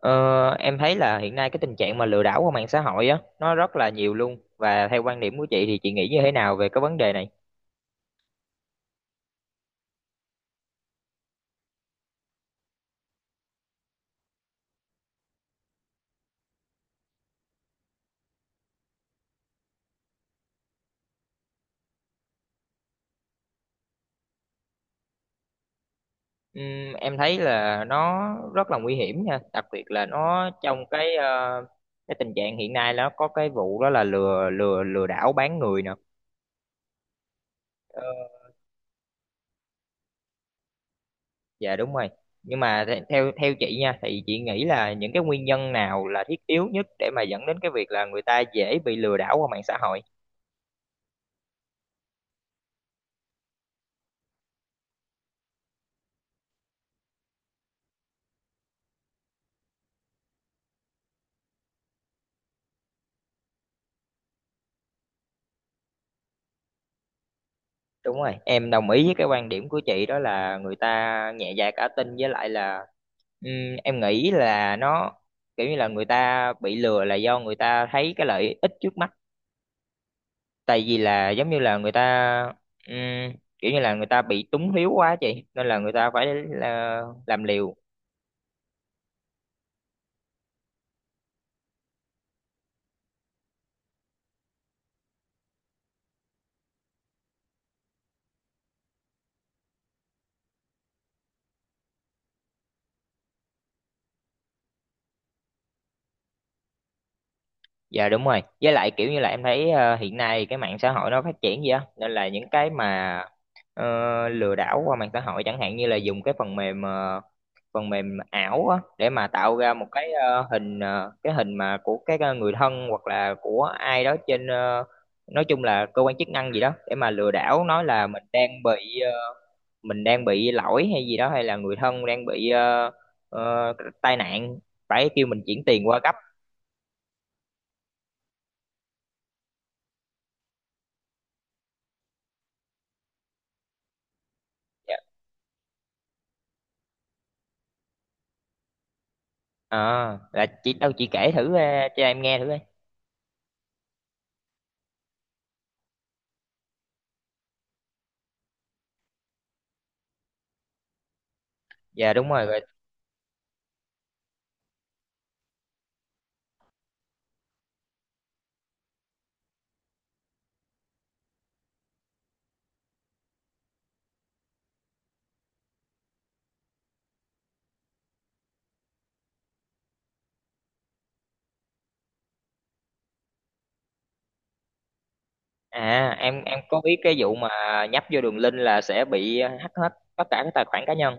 Ờ, em thấy là hiện nay cái tình trạng mà lừa đảo qua mạng xã hội á nó rất là nhiều luôn và theo quan điểm của chị thì chị nghĩ như thế nào về cái vấn đề này? Em thấy là nó rất là nguy hiểm nha, đặc biệt là nó trong cái cái tình trạng hiện nay nó có cái vụ đó là lừa lừa lừa đảo bán người nè. Ờ, dạ đúng rồi. Nhưng mà the- theo theo chị nha thì chị nghĩ là những cái nguyên nhân nào là thiết yếu nhất để mà dẫn đến cái việc là người ta dễ bị lừa đảo qua mạng xã hội? Đúng rồi, em đồng ý với cái quan điểm của chị đó là người ta nhẹ dạ cả tin với lại là ừm, em nghĩ là nó kiểu như là người ta bị lừa là do người ta thấy cái lợi ích trước mắt. Tại vì là giống như là người ta ừm, kiểu như là người ta bị túng thiếu quá chị nên là người ta phải là làm liều. Dạ đúng rồi. Với lại kiểu như là em thấy hiện nay cái mạng xã hội nó phát triển gì á nên là những cái mà ờ, lừa đảo qua mạng xã hội chẳng hạn như là dùng cái phần mềm phần mềm ảo á để mà tạo ra một cái cái hình mà của cái người thân hoặc là của ai đó trên nói chung là cơ quan chức năng gì đó để mà lừa đảo, nói là mình đang bị mình đang bị lỗi hay gì đó, hay là người thân đang bị ờ, tai nạn phải kêu mình chuyển tiền qua gấp. Ờ, là chị đâu, chị kể thử cho em nghe thử coi. Dạ đúng rồi rồi. À, em có biết cái vụ mà nhấp vô đường link là sẽ bị hack hết tất cả các tài khoản cá nhân.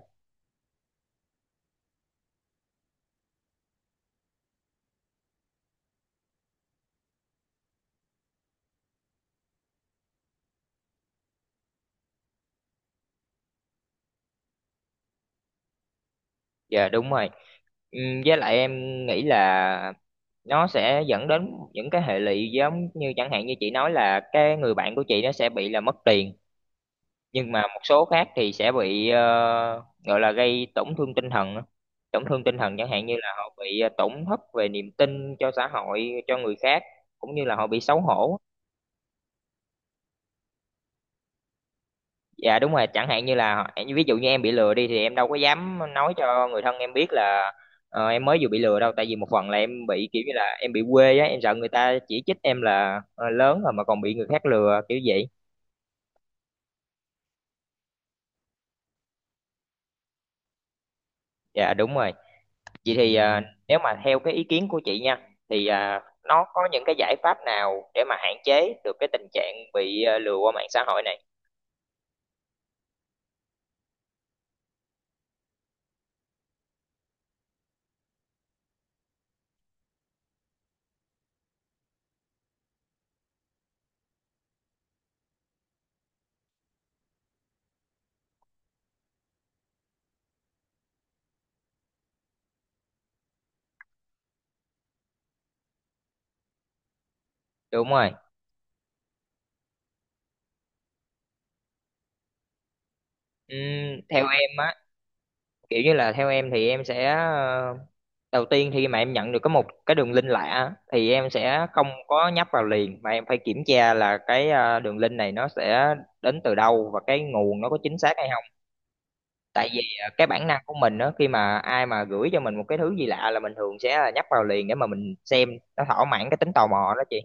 Dạ đúng rồi. Với lại em nghĩ là nó sẽ dẫn đến những cái hệ lụy giống như chẳng hạn như chị nói là cái người bạn của chị nó sẽ bị là mất tiền, nhưng mà một số khác thì sẽ bị gọi là gây tổn thương tinh thần á. Tổn thương tinh thần chẳng hạn như là họ bị tổn thất về niềm tin cho xã hội, cho người khác, cũng như là họ bị xấu hổ. Dạ đúng rồi, chẳng hạn như là họ- ví dụ như em bị lừa đi thì em đâu có dám nói cho người thân em biết là em mới vừa bị lừa đâu, tại vì một phần là em bị kiểu như là em bị quê á, em sợ người ta chỉ trích em là lớn rồi mà còn bị người khác lừa kiểu vậy. Dạ đúng rồi. Vậy thì nếu mà theo cái ý kiến của chị nha thì nó có những cái giải pháp nào để mà hạn chế được cái tình trạng bị lừa qua mạng xã hội này? Đúng rồi. Theo em á, kiểu như là theo em thì em sẽ đầu tiên khi mà em nhận được có một cái đường link lạ á, thì em sẽ không có nhấp vào liền mà em phải kiểm tra là cái đường link này nó sẽ đến từ đâu và cái nguồn nó có chính xác hay không. Tại vì cái bản năng của mình đó khi mà ai mà gửi cho mình một cái thứ gì lạ là mình thường sẽ là nhấp vào liền để mà mình xem, nó thỏa mãn cái tính tò mò đó chị.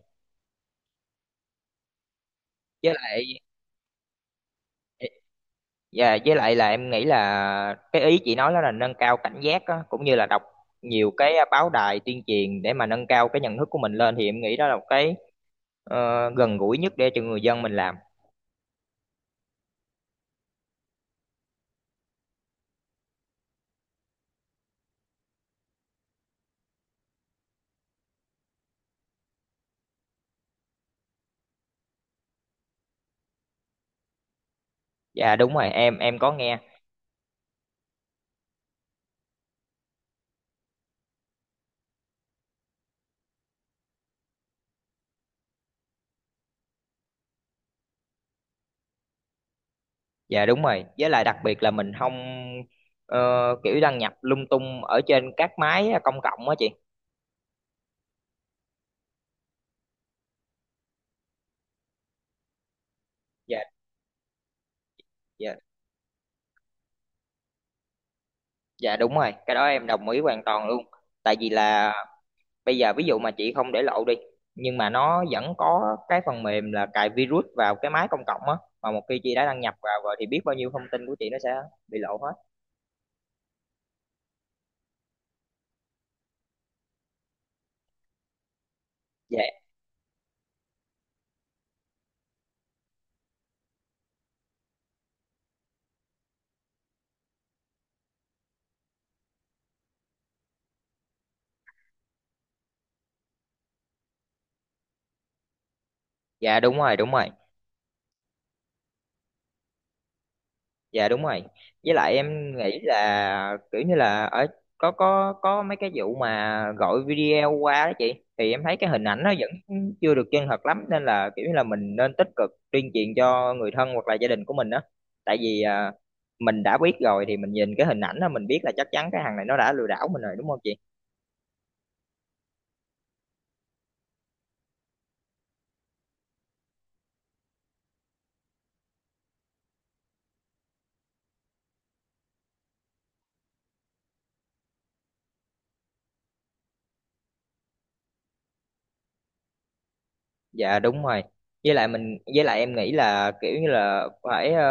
Với lại dạ, với lại là em nghĩ là cái ý chị nói đó là nâng cao cảnh giác á, cũng như là đọc nhiều cái báo đài tuyên truyền để mà nâng cao cái nhận thức của mình lên thì em nghĩ đó là một cái gần gũi nhất để cho người dân mình làm. Dạ đúng rồi, em có nghe. Dạ đúng rồi, với lại đặc biệt là mình không ờ, kiểu đăng nhập lung tung ở trên các máy công cộng á chị. Dạ, dạ dạ đúng rồi, cái đó em đồng ý hoàn toàn luôn. Tại vì là bây giờ ví dụ mà chị không để lộ đi, nhưng mà nó vẫn có cái phần mềm là cài virus vào cái máy công cộng á, mà một khi chị đã đăng nhập vào rồi thì biết bao nhiêu thông tin của chị nó sẽ bị lộ hết. Dạ dạ đúng rồi đúng rồi. Dạ đúng rồi, với lại em nghĩ là kiểu như là ở có mấy cái vụ mà gọi video qua đó chị, thì em thấy cái hình ảnh nó vẫn chưa được chân thật lắm nên là kiểu như là mình nên tích cực tuyên truyền cho người thân hoặc là gia đình của mình đó. Tại vì mình đã biết rồi thì mình nhìn cái hình ảnh đó mình biết là chắc chắn cái thằng này nó đã lừa đảo mình rồi đúng không chị. Dạ đúng rồi, với lại mình với lại em nghĩ là kiểu như là phải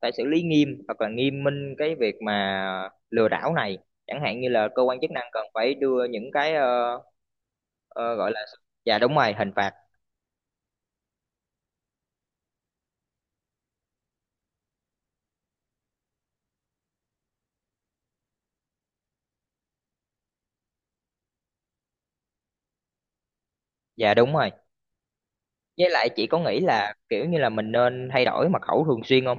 phải xử lý nghiêm hoặc là nghiêm minh cái việc mà lừa đảo này, chẳng hạn như là cơ quan chức năng cần phải đưa những cái gọi là dạ đúng rồi hình phạt. Dạ đúng rồi, với lại chị có nghĩ là kiểu như là mình nên thay đổi mật khẩu thường xuyên không?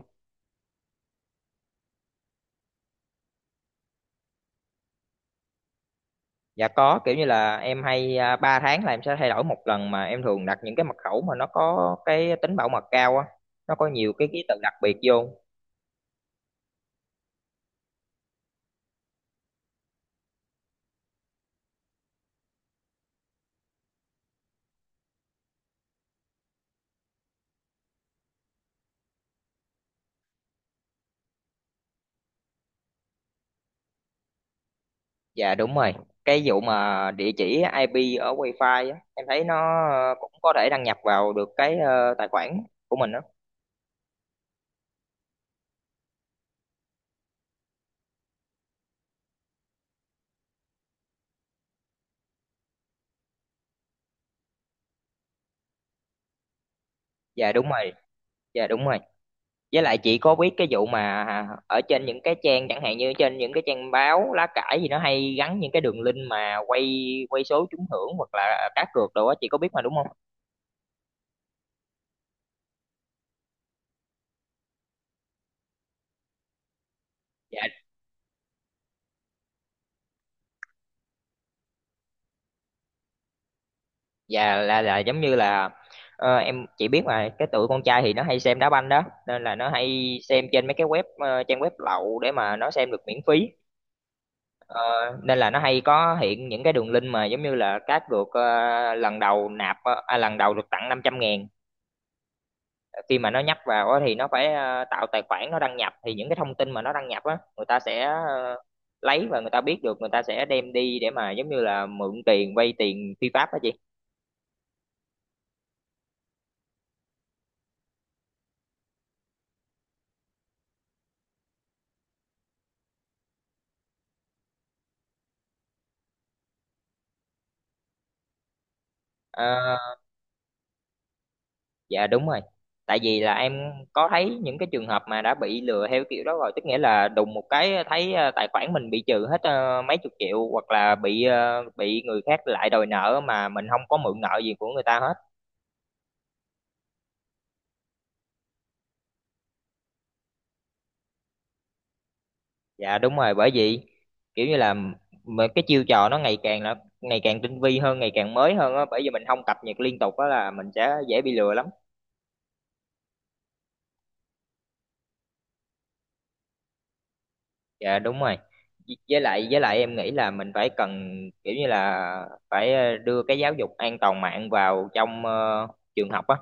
Dạ có, kiểu như là em hay 3 tháng là em sẽ thay đổi 1 lần, mà em thường đặt những cái mật khẩu mà nó có cái tính bảo mật cao á, nó có nhiều cái ký tự đặc biệt vô. Dạ đúng rồi. Cái vụ mà địa chỉ IP ở Wi-Fi á, em thấy nó cũng có thể đăng nhập vào được cái tài khoản của mình đó. Dạ đúng rồi. Dạ đúng rồi. Với lại chị có biết cái vụ mà ở trên những cái trang chẳng hạn như trên những cái trang báo lá cải gì nó hay gắn những cái đường link mà quay quay số trúng thưởng hoặc là cá cược đồ á chị có biết mà đúng không? Dạ. Dạ là giống như là em chỉ biết mà cái tụi con trai thì nó hay xem đá banh đó nên là nó hay xem trên mấy cái web trang web lậu để mà nó xem được miễn phí. Ờ, nên là nó hay có hiện những cái đường link mà giống như là cát được ờ, lần đầu nạp ờ, à, lần đầu được tặng 500.000. Khi mà nó nhấp vào á thì nó phải tạo tài khoản, nó đăng nhập thì những cái thông tin mà nó đăng nhập á người ta sẽ ờ, lấy và người ta biết được, người ta sẽ đem đi để mà giống như là mượn tiền vay tiền phi pháp đó chị. Ờ, dạ đúng rồi. Tại vì là em có thấy những cái trường hợp mà đã bị lừa theo kiểu đó rồi, tức nghĩa là đùng một cái thấy tài khoản mình bị trừ hết mấy chục triệu hoặc là bị bị người khác lại đòi nợ mà mình không có mượn nợ gì của người ta hết. Dạ đúng rồi, bởi vì kiểu như là mà cái chiêu trò nó ngày càng là ngày càng tinh vi hơn, ngày càng mới hơn á, bởi vì mình không cập nhật liên tục á là mình sẽ dễ bị lừa lắm. Dạ đúng rồi, với lại em nghĩ là mình phải cần kiểu như là phải đưa cái giáo dục an toàn mạng vào trong trường học á.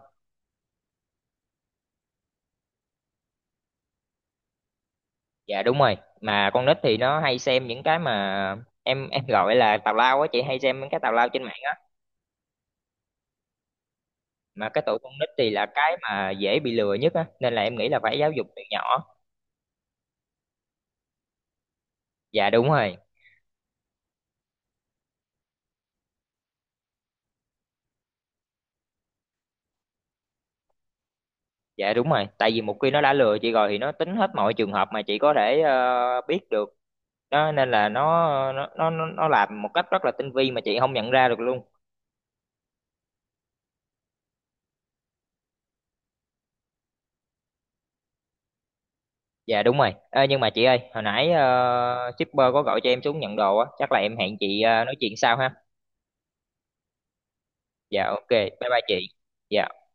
Dạ đúng rồi, mà con nít thì nó hay xem những cái mà em gọi là tào lao á chị, hay xem những cái tào lao trên mạng á. Mà cái tuổi con nít thì là cái mà dễ bị lừa nhất á, nên là em nghĩ là phải giáo dục từ nhỏ. Dạ đúng rồi. Dạ đúng rồi, tại vì một khi nó đã lừa chị rồi thì nó tính hết mọi trường hợp mà chị có thể biết được đó, nên là nó làm một cách rất là tinh vi mà chị không nhận ra được luôn. Dạ đúng rồi. Ê, nhưng mà chị ơi, hồi nãy shipper có gọi cho em xuống nhận đồ á, chắc là em hẹn chị nói chuyện sau ha. Dạ ok bye bye chị. Dạ.